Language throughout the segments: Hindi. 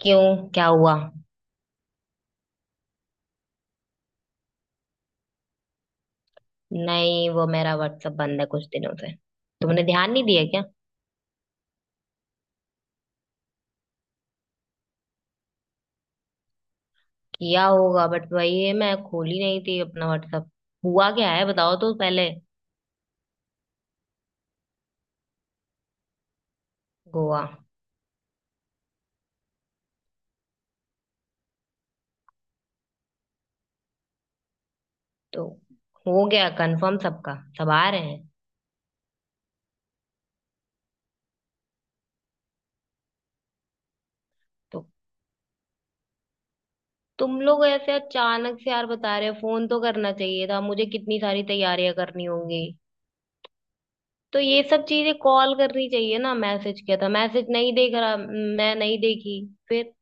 क्यों? क्या हुआ? नहीं, वो मेरा व्हाट्सएप बंद है कुछ दिनों से। तुमने ध्यान नहीं दिया क्या? किया होगा बट वही है, मैं खोली नहीं थी अपना व्हाट्सएप। हुआ क्या है बताओ तो पहले। गोवा? तो हो गया कंफर्म? सबका सब आ रहे हैं? तो तुम लोग ऐसे अचानक से यार बता रहे हो, फोन तो करना चाहिए था मुझे, कितनी सारी तैयारियां करनी होंगी। तो ये सब चीजें कॉल करनी चाहिए ना, मैसेज किया था, मैसेज नहीं देख रहा मैं, नहीं देखी। फिर?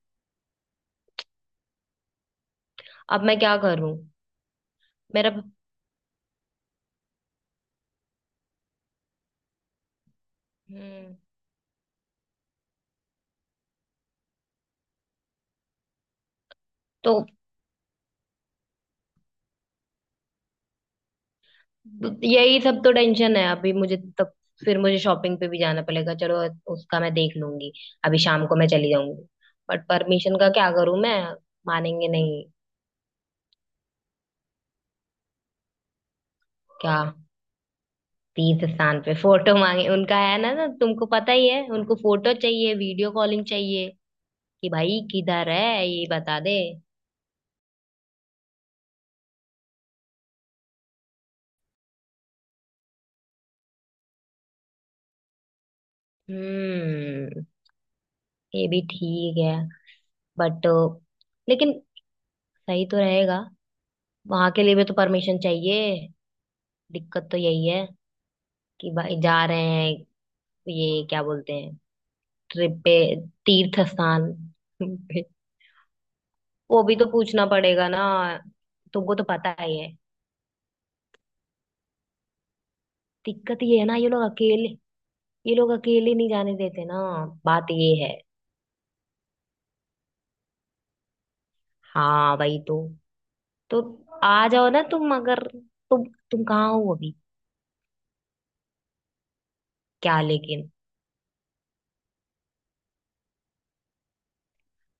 अब मैं क्या करूं? मेरा। हम्म। तो यही सब तो टेंशन है अभी मुझे, तब। फिर मुझे शॉपिंग पे भी जाना पड़ेगा, चलो। उसका मैं देख लूंगी। अभी शाम को मैं चली जाऊंगी। बट परमिशन का क्या करूं मैं? मानेंगे नहीं। क्या? तीर्थ स्थान पे फोटो मांगे उनका, है ना? ना, तुमको पता ही है, उनको फोटो चाहिए, वीडियो कॉलिंग चाहिए। कि भाई किधर है ये, बता दे। हम्म। ये भी ठीक है। बट। लेकिन सही तो रहेगा। वहां के लिए भी तो परमिशन चाहिए। दिक्कत तो यही है कि भाई जा रहे हैं, ये क्या बोलते हैं, ट्रिप पे, तीर्थ स्थान पे, वो भी तो पूछना पड़ेगा ना। तुमको तो पता ही है। दिक्कत ये है ना, ये लोग अकेले। ये लोग अकेले नहीं जाने देते ना। बात ये है। हाँ भाई तो। तो आ जाओ ना तुम, अगर। तुम तुम कहाँ हो अभी? क्या लेकिन।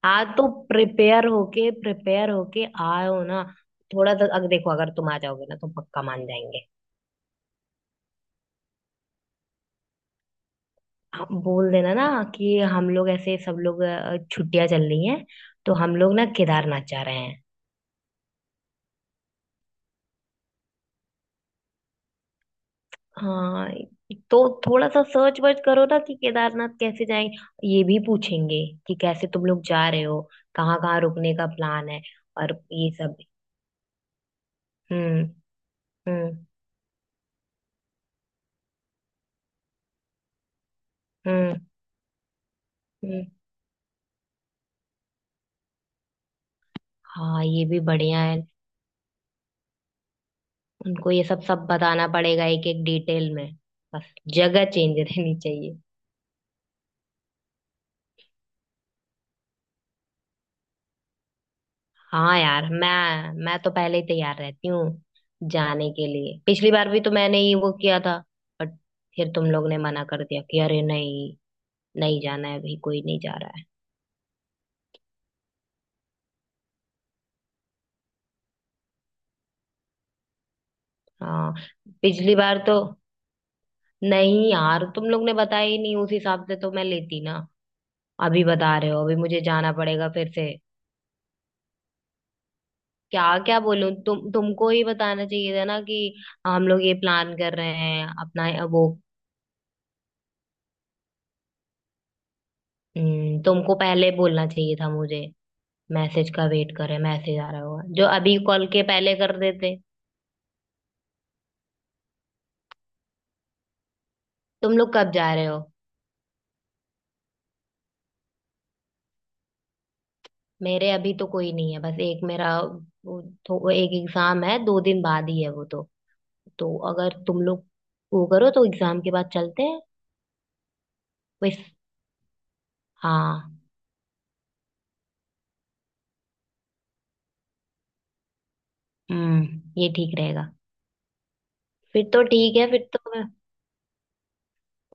हाँ, तो प्रिपेयर होके आओ ना। थोड़ा तो, अगर देखो, अगर तुम आ जाओगे ना तो पक्का मान जाएंगे। हाँ, बोल देना ना कि हम लोग ऐसे, सब लोग छुट्टियां चल रही हैं। तो हम लोग ना केदारनाथ जा रहे हैं। हाँ, तो थोड़ा सा सर्च वर्च करो ना कि केदारनाथ कैसे जाएं। ये भी पूछेंगे कि कैसे तुम लोग जा रहे हो, कहाँ कहाँ रुकने का प्लान है, और ये सब। हम्म। हम्म। हम्म। हम्म। हाँ, ये भी बढ़िया है। उनको ये सब सब बताना पड़ेगा एक एक डिटेल में। बस जगह चेंज रहनी चाहिए। हाँ यार, मैं तो पहले ही तैयार रहती हूँ जाने के लिए। पिछली बार भी तो मैंने ही वो किया था। बट। फिर तुम लोग ने मना कर दिया कि अरे नहीं, नहीं जाना है अभी, कोई नहीं जा रहा है। हाँ। पिछली बार तो, नहीं यार तुम लोग ने बताया ही नहीं, उस हिसाब से तो मैं लेती ना। अभी बता रहे हो, अभी मुझे जाना पड़ेगा फिर से। क्या क्या बोलूं? तुमको ही बताना चाहिए था ना कि हम लोग ये प्लान कर रहे हैं अपना वो। तुमको पहले बोलना चाहिए था मुझे। मैसेज का वेट कर रहे, मैसेज आ रहा होगा जो, अभी कॉल के पहले कर देते। तुम लोग कब जा रहे हो? मेरे अभी तो कोई नहीं है, बस एक मेरा वो तो, वो एक एग्जाम है, दो दिन बाद ही है वो तो। तो अगर तुम लोग वो करो तो एग्जाम के बाद चलते हैं। बस। हाँ। हम्म, ये ठीक रहेगा। फिर तो ठीक है, फिर तो मैं।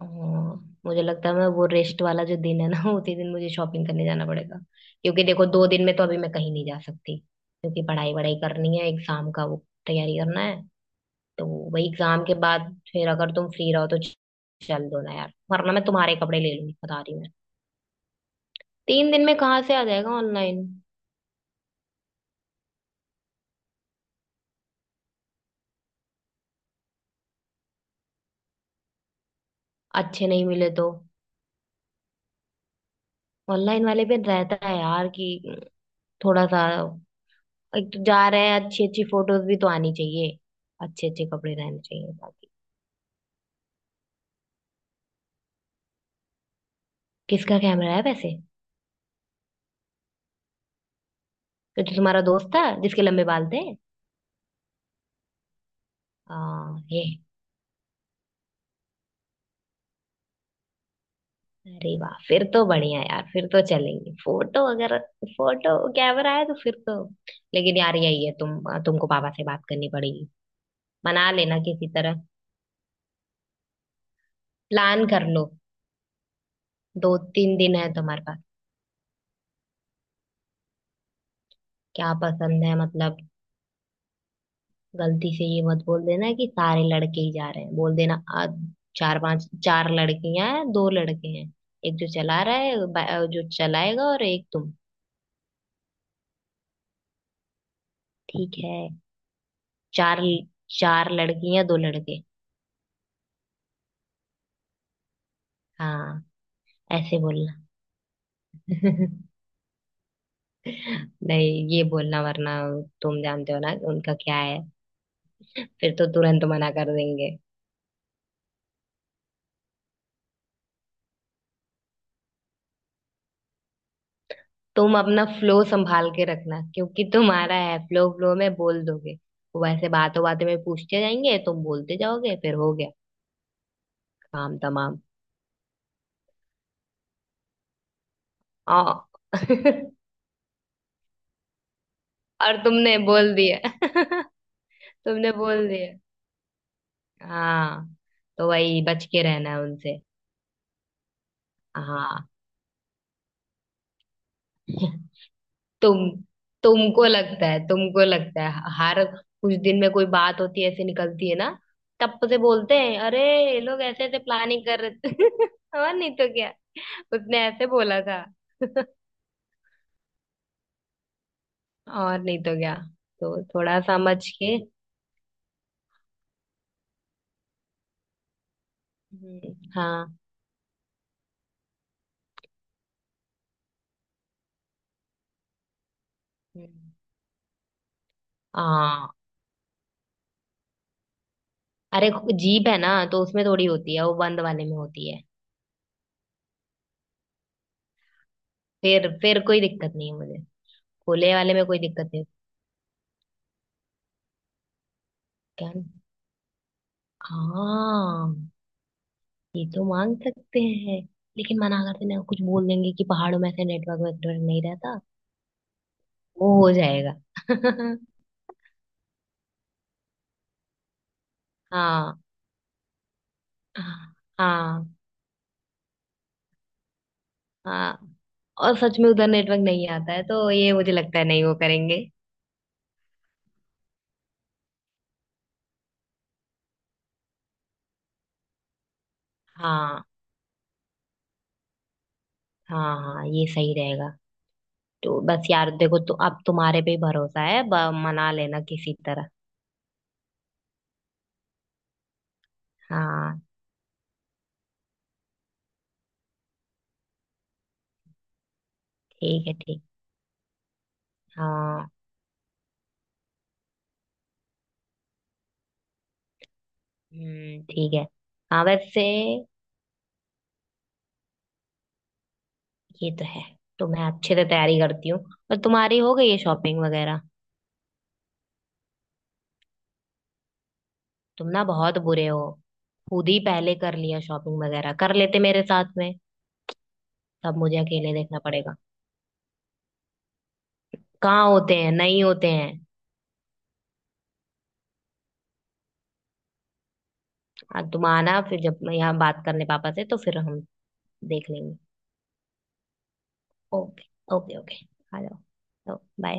हाँ, मुझे लगता है मैं वो रेस्ट वाला जो दिन है ना उसी दिन मुझे शॉपिंग करने जाना पड़ेगा। क्योंकि देखो, दो दिन में तो अभी मैं कहीं नहीं जा सकती क्योंकि पढ़ाई वढ़ाई करनी है, एग्जाम का वो तैयारी करना है। तो वही एग्जाम के बाद। फिर अगर तुम फ्री रहो तो चल दो ना यार, वरना मैं तुम्हारे कपड़े ले लूंगी, बता रही हूँ मैं। तीन दिन में कहाँ से आ जाएगा ऑनलाइन? अच्छे नहीं मिले तो? ऑनलाइन वाले पे रहता है यार कि थोड़ा सा, एक तो जा रहे हैं, अच्छी अच्छी फोटोज भी तो आनी चाहिए। अच्छे अच्छे कपड़े रहने चाहिए बाकी। किसका कैमरा है वैसे? तो जो तुम्हारा दोस्त था जिसके लंबे बाल थे? हाँ ये, अरे वाह, फिर तो बढ़िया यार, फिर तो चलेंगे। फोटो अगर, फोटो कैमरा है तो फिर तो। लेकिन यार यही है, तुमको पापा से बात करनी पड़ेगी। मना लेना किसी तरह। प्लान कर लो। दो तीन दिन है तुम्हारे पास। क्या पसंद है मतलब? गलती से ये मत बोल देना कि सारे लड़के ही जा रहे हैं, बोल देना चार पांच, चार लड़कियां हैं, दो लड़के हैं। एक जो चला रहा है जो चलाएगा, और एक तुम। ठीक है। चार, चार लड़कियां दो लड़के। हाँ। ऐसे बोलना। नहीं, ये बोलना वरना, तुम जानते हो ना उनका क्या है, फिर तो तुरंत मना कर देंगे। तुम अपना फ्लो संभाल के रखना क्योंकि तुम्हारा है फ्लो, फ्लो में बोल दोगे। वो वैसे बातों बातों में पूछते जाएंगे, तुम बोलते जाओगे, फिर हो गया। काम तमाम। आ और तुमने बोल दिया तुमने बोल दिया। हाँ। तो वही बच के रहना है उनसे। हाँ। तुम तुमको लगता है हर कुछ दिन में, कोई बात होती है ऐसे, निकलती है ना। तब से बोलते हैं, अरे ये लोग ऐसे ऐसे प्लानिंग कर रहे थे। और नहीं तो क्या। उसने ऐसे बोला था। और नहीं तो क्या। तो थोड़ा समझ के। हम्म, हाँ। हम्म, हाँ। अरे जीप है ना तो उसमें थोड़ी होती है, वो बंद वाले में होती है। फिर कोई दिक्कत नहीं है मुझे। खुले वाले में कोई दिक्कत नहीं। क्या? हाँ, ये तो मांग सकते हैं। लेकिन मना कर देना, कुछ बोल देंगे कि पहाड़ों में ऐसे नेटवर्क वेटवर्क नहीं रहता। वो हो जाएगा। हाँ, हाँ, हाँ, और सच में उधर नेटवर्क नहीं आता है तो ये, मुझे लगता है नहीं वो करेंगे। हाँ, हाँ, हाँ, ये सही रहेगा। तो बस यार देखो तो, अब तुम्हारे पे ही भरोसा है, मना लेना किसी तरह। हाँ, ठीक है, ठीक। हाँ। हम्म, ठीक है। हाँ, वैसे। ये तो है। तो मैं अच्छे से तैयारी करती हूँ। पर तुम्हारी हो गई है शॉपिंग वगैरह? तुम ना बहुत बुरे हो, खुद ही पहले कर लिया, शॉपिंग वगैरह कर लेते मेरे साथ में। तब मुझे अकेले देखना पड़ेगा। कहाँ होते हैं, नहीं होते हैं। तुम आना फिर, जब मैं यहाँ बात करने पापा से, तो फिर हम देख लेंगे। ओके। Okay, okay. आ जाओ, बाय।